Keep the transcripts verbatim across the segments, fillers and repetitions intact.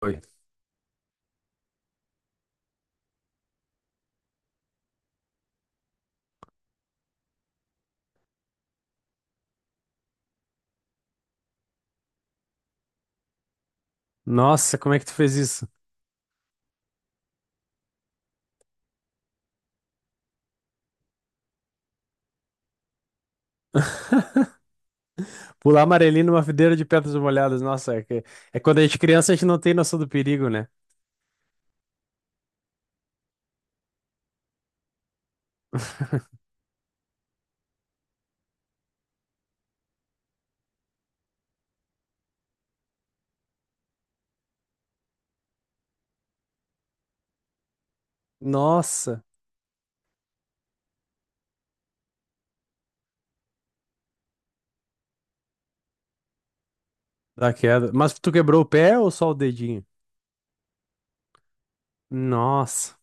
Foi. Nossa, como é que tu fez isso? Pular amarelinho numa videira de pedras molhadas. Nossa, é, que- é quando a gente é criança, a gente não tem noção do perigo, né? Nossa, da queda. Mas tu quebrou o pé ou só o dedinho? Nossa.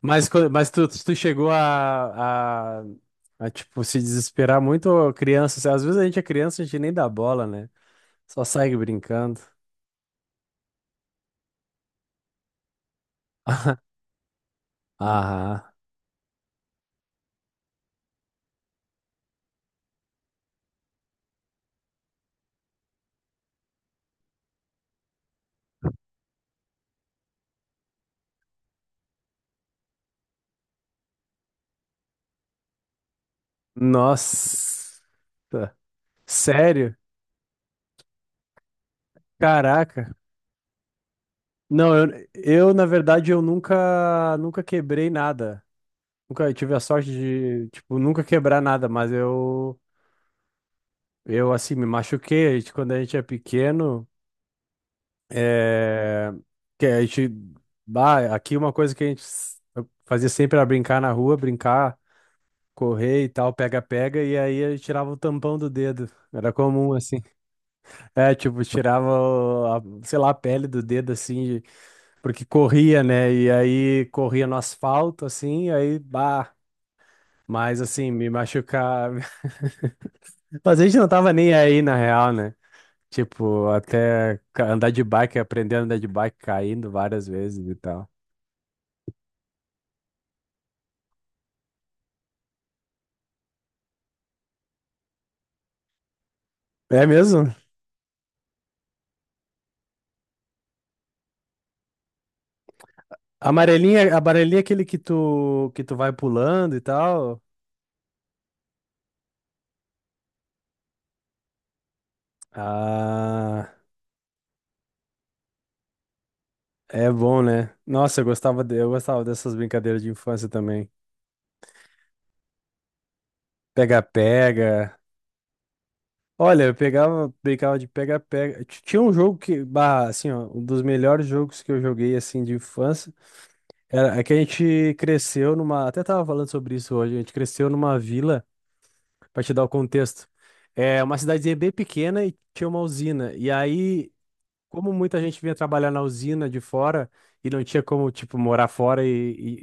Mas, quando- mas tu, tu chegou a, a, a, tipo, se desesperar muito, ô, criança, assim. Às vezes a gente é criança, a gente nem dá bola, né? Só segue brincando. Ah, nossa. Sério? Caraca. Não, eu, eu na verdade eu nunca nunca quebrei nada. Nunca tive a sorte de, tipo, nunca quebrar nada, mas eu eu assim me machuquei. A gente, quando a gente é pequeno, é que a gente, bah, aqui uma coisa que a gente s- fazia sempre era brincar na rua, brincar, correr e tal, pega pega, e aí eu tirava o tampão do dedo. Era comum assim. É, tipo, tirava, o- a- sei lá, a pele do dedo assim. Porque corria, né? E aí corria no asfalto, assim, e aí, bah. Mas, assim, me machucar. Mas a gente não tava nem aí, na real, né? Tipo, até ca- andar de bike, aprender a andar de bike caindo várias vezes e tal. É mesmo? Amarelinha, amarelinha é aquele que tu, que tu vai pulando e tal. Ah, é bom, né? Nossa, eu gostava, de- eu gostava dessas brincadeiras de infância também. Pega-pega. Olha, eu pegava, brincava de pega-pega. Ti- Tinha um jogo que, bah, assim, ó, um dos melhores jogos que eu joguei, assim, de infância. Era, é que a gente cresceu numa. Até tava falando sobre isso hoje. A gente cresceu numa vila, pra te dar o contexto. É uma cidadezinha bem pequena e tinha uma usina. E aí, como muita gente vinha trabalhar na usina de fora e não tinha como, tipo, morar fora e,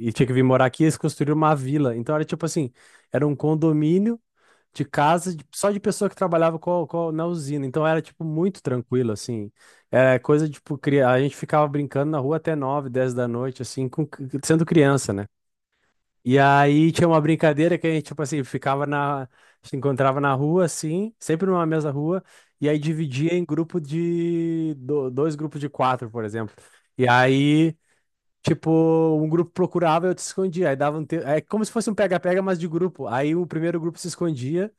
e e tinha que vir morar aqui, eles construíram uma vila. Então era tipo assim, era um condomínio de casa de- só de pessoa que trabalhava com, a- com a- na usina. Então era, tipo, muito tranquilo, assim. É coisa, tipo, cri- a gente ficava brincando na rua até nove dez da noite, assim, com. Sendo criança, né? E aí tinha uma brincadeira que a gente, tipo assim, ficava na. Se encontrava na rua, assim, sempre numa mesma rua, e aí dividia em grupo de. Do- dois grupos de quatro, por exemplo. E aí. Tipo, um grupo procurava e outro se escondia. Aí dava um te. É como se fosse um pega-pega, mas de grupo. Aí o primeiro grupo se escondia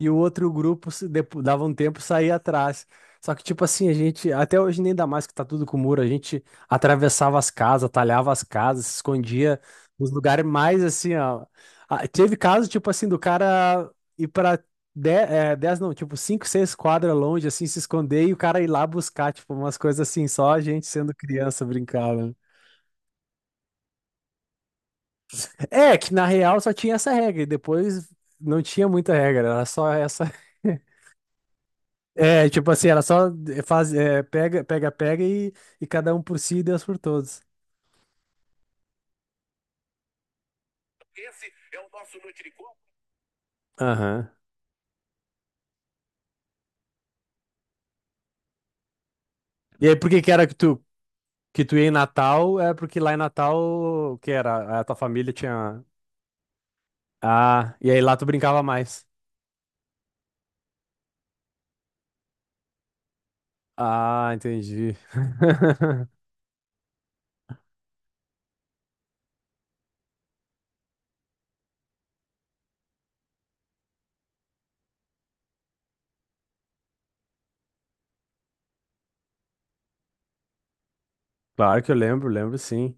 e o outro grupo se depo- dava um tempo e saía atrás. Só que, tipo assim, a gente, até hoje nem dá mais que tá tudo com muro, a gente atravessava as casas, talhava as casas, se escondia nos lugares mais assim, ó. Ah, teve caso, tipo assim, do cara ir pra dez, é, dez não, tipo cinco seis quadras longe, assim, se esconder e o cara ir lá buscar, tipo, umas coisas assim, só a gente sendo criança brincava. É, que na real só tinha essa regra, e depois não tinha muita regra, era só essa. É, tipo assim, era só faz, é, pega, pega, pega e, e cada um por si e Deus por todos. Esse é o nosso Nutricom. Aham. E aí, por que que era que tu, que tu, ia em Natal? É porque lá em Natal, o que era? A tua família tinha. Ah, e aí lá tu brincava mais. Ah, entendi. Claro que eu lembro, lembro sim.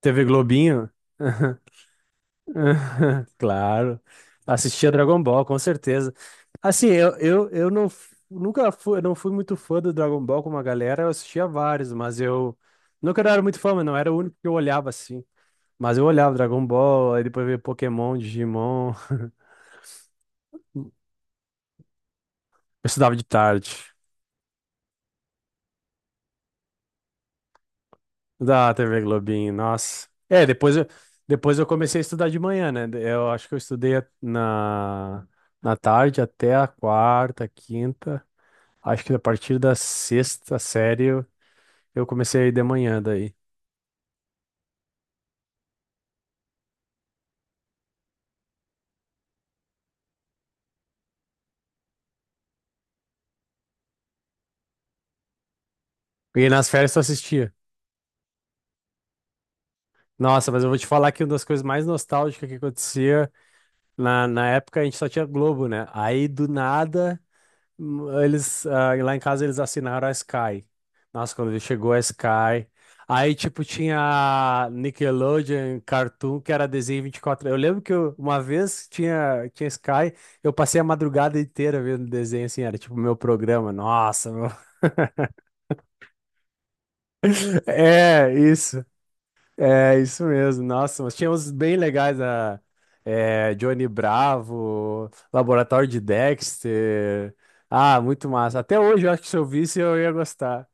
T V Globinho? Claro. Assistia Dragon Ball, com certeza. Assim, eu, eu, eu não f- nunca fui, eu não fui muito fã do Dragon Ball com uma galera, eu assistia vários, mas eu nunca era muito fã, mas não era o único que eu olhava assim. Mas eu olhava Dragon Ball, aí depois veio Pokémon, Digimon. Eu estudava de tarde, da T V Globinho, nossa. É, depois eu, depois eu, comecei a estudar de manhã, né? Eu acho que eu estudei na, na tarde até a quarta, quinta. Acho que a partir da sexta série eu eu comecei a ir de manhã daí. E nas férias só assistia. Nossa, mas eu vou te falar que uma das coisas mais nostálgicas que acontecia na, na época a gente só tinha Globo, né? Aí do nada, hum, eles, ah, lá em casa eles assinaram a Sky. Nossa, quando chegou a Sky. Aí, tipo, tinha Nickelodeon, Cartoon, que era desenho vinte e quatro. Eu lembro que eu- uma vez tinha, tinha Sky, eu passei a madrugada inteira vendo desenho, assim, era tipo meu programa. Nossa. É, isso. É, isso mesmo. Nossa, mas tinha uns bem legais a é, Johnny Bravo, Laboratório de Dexter. Ah, muito massa. Até hoje eu acho que se eu visse eu ia gostar.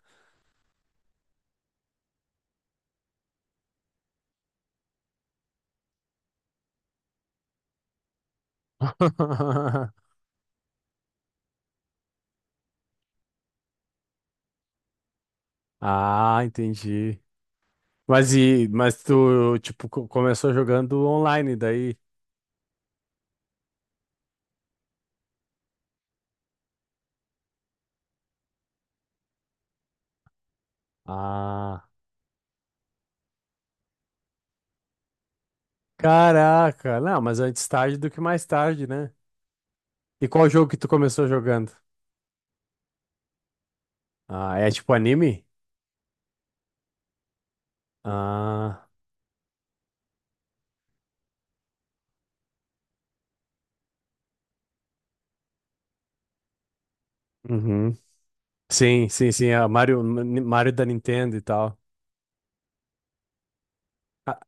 Ah, entendi. Mas e mas tu tipo co- começou jogando online daí? Ah, caraca. Não, mas antes tarde do que mais tarde, né? E qual jogo que tu começou jogando? Ah, é tipo anime? Ah, uhum. Sim, sim, sim, a Mario, Mario da Nintendo e tal. Ah,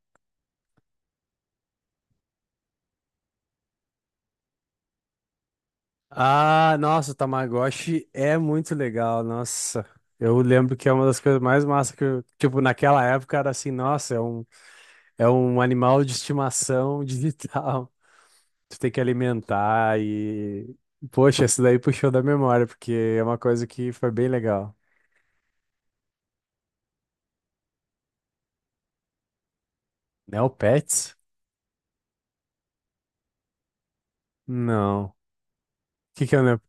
ah, nossa, o Tamagotchi é muito legal, nossa. Eu lembro que é uma das coisas mais massas que eu, tipo, naquela época era assim, nossa, é um, é um animal de estimação digital. Tu tem que alimentar e. Poxa, isso daí puxou da memória, porque é uma coisa que foi bem legal. Neopets? Não. O que que é o Neo.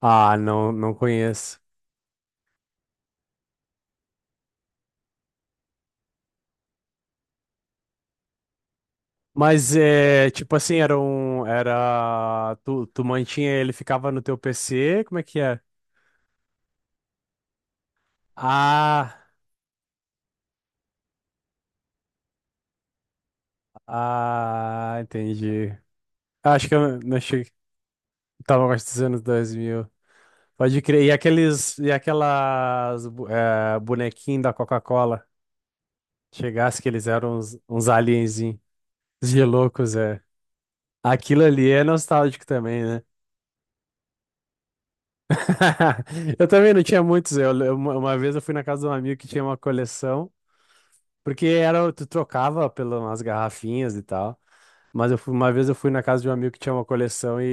Ah, não, não conheço. Mas é, tipo assim, era um, era, tu, tu mantinha ele, ficava no teu P C, como é que é? Ah, ah, entendi. Acho que eu não achei, tava mais dos anos dois mil. Pode crer, e aqueles, e aquelas bu- é, bonequinhos da Coca-Cola, chegasse que eles eram uns, uns alienzinhos, uns geloucos, é. Aquilo ali é nostálgico também, né? Eu também não tinha muitos. Eu, eu- uma vez eu fui na casa de um amigo que tinha uma coleção. Porque era, tu trocava pelas garrafinhas e tal. Mas eu fui, uma vez eu fui na casa de um amigo que tinha uma coleção e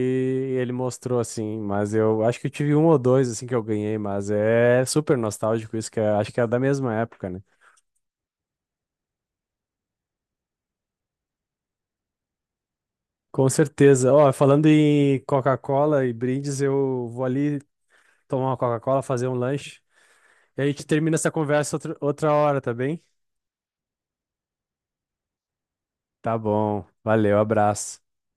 ele mostrou assim, mas eu acho que eu tive um ou dois assim que eu ganhei, mas é super nostálgico isso, que é- acho que é da mesma época, né? Com certeza. Ó, falando em Coca-Cola e brindes, eu vou ali tomar uma Coca-Cola, fazer um lanche, e a gente termina essa conversa outra, outra hora, tá bem? Tá bom. Valeu, abraço.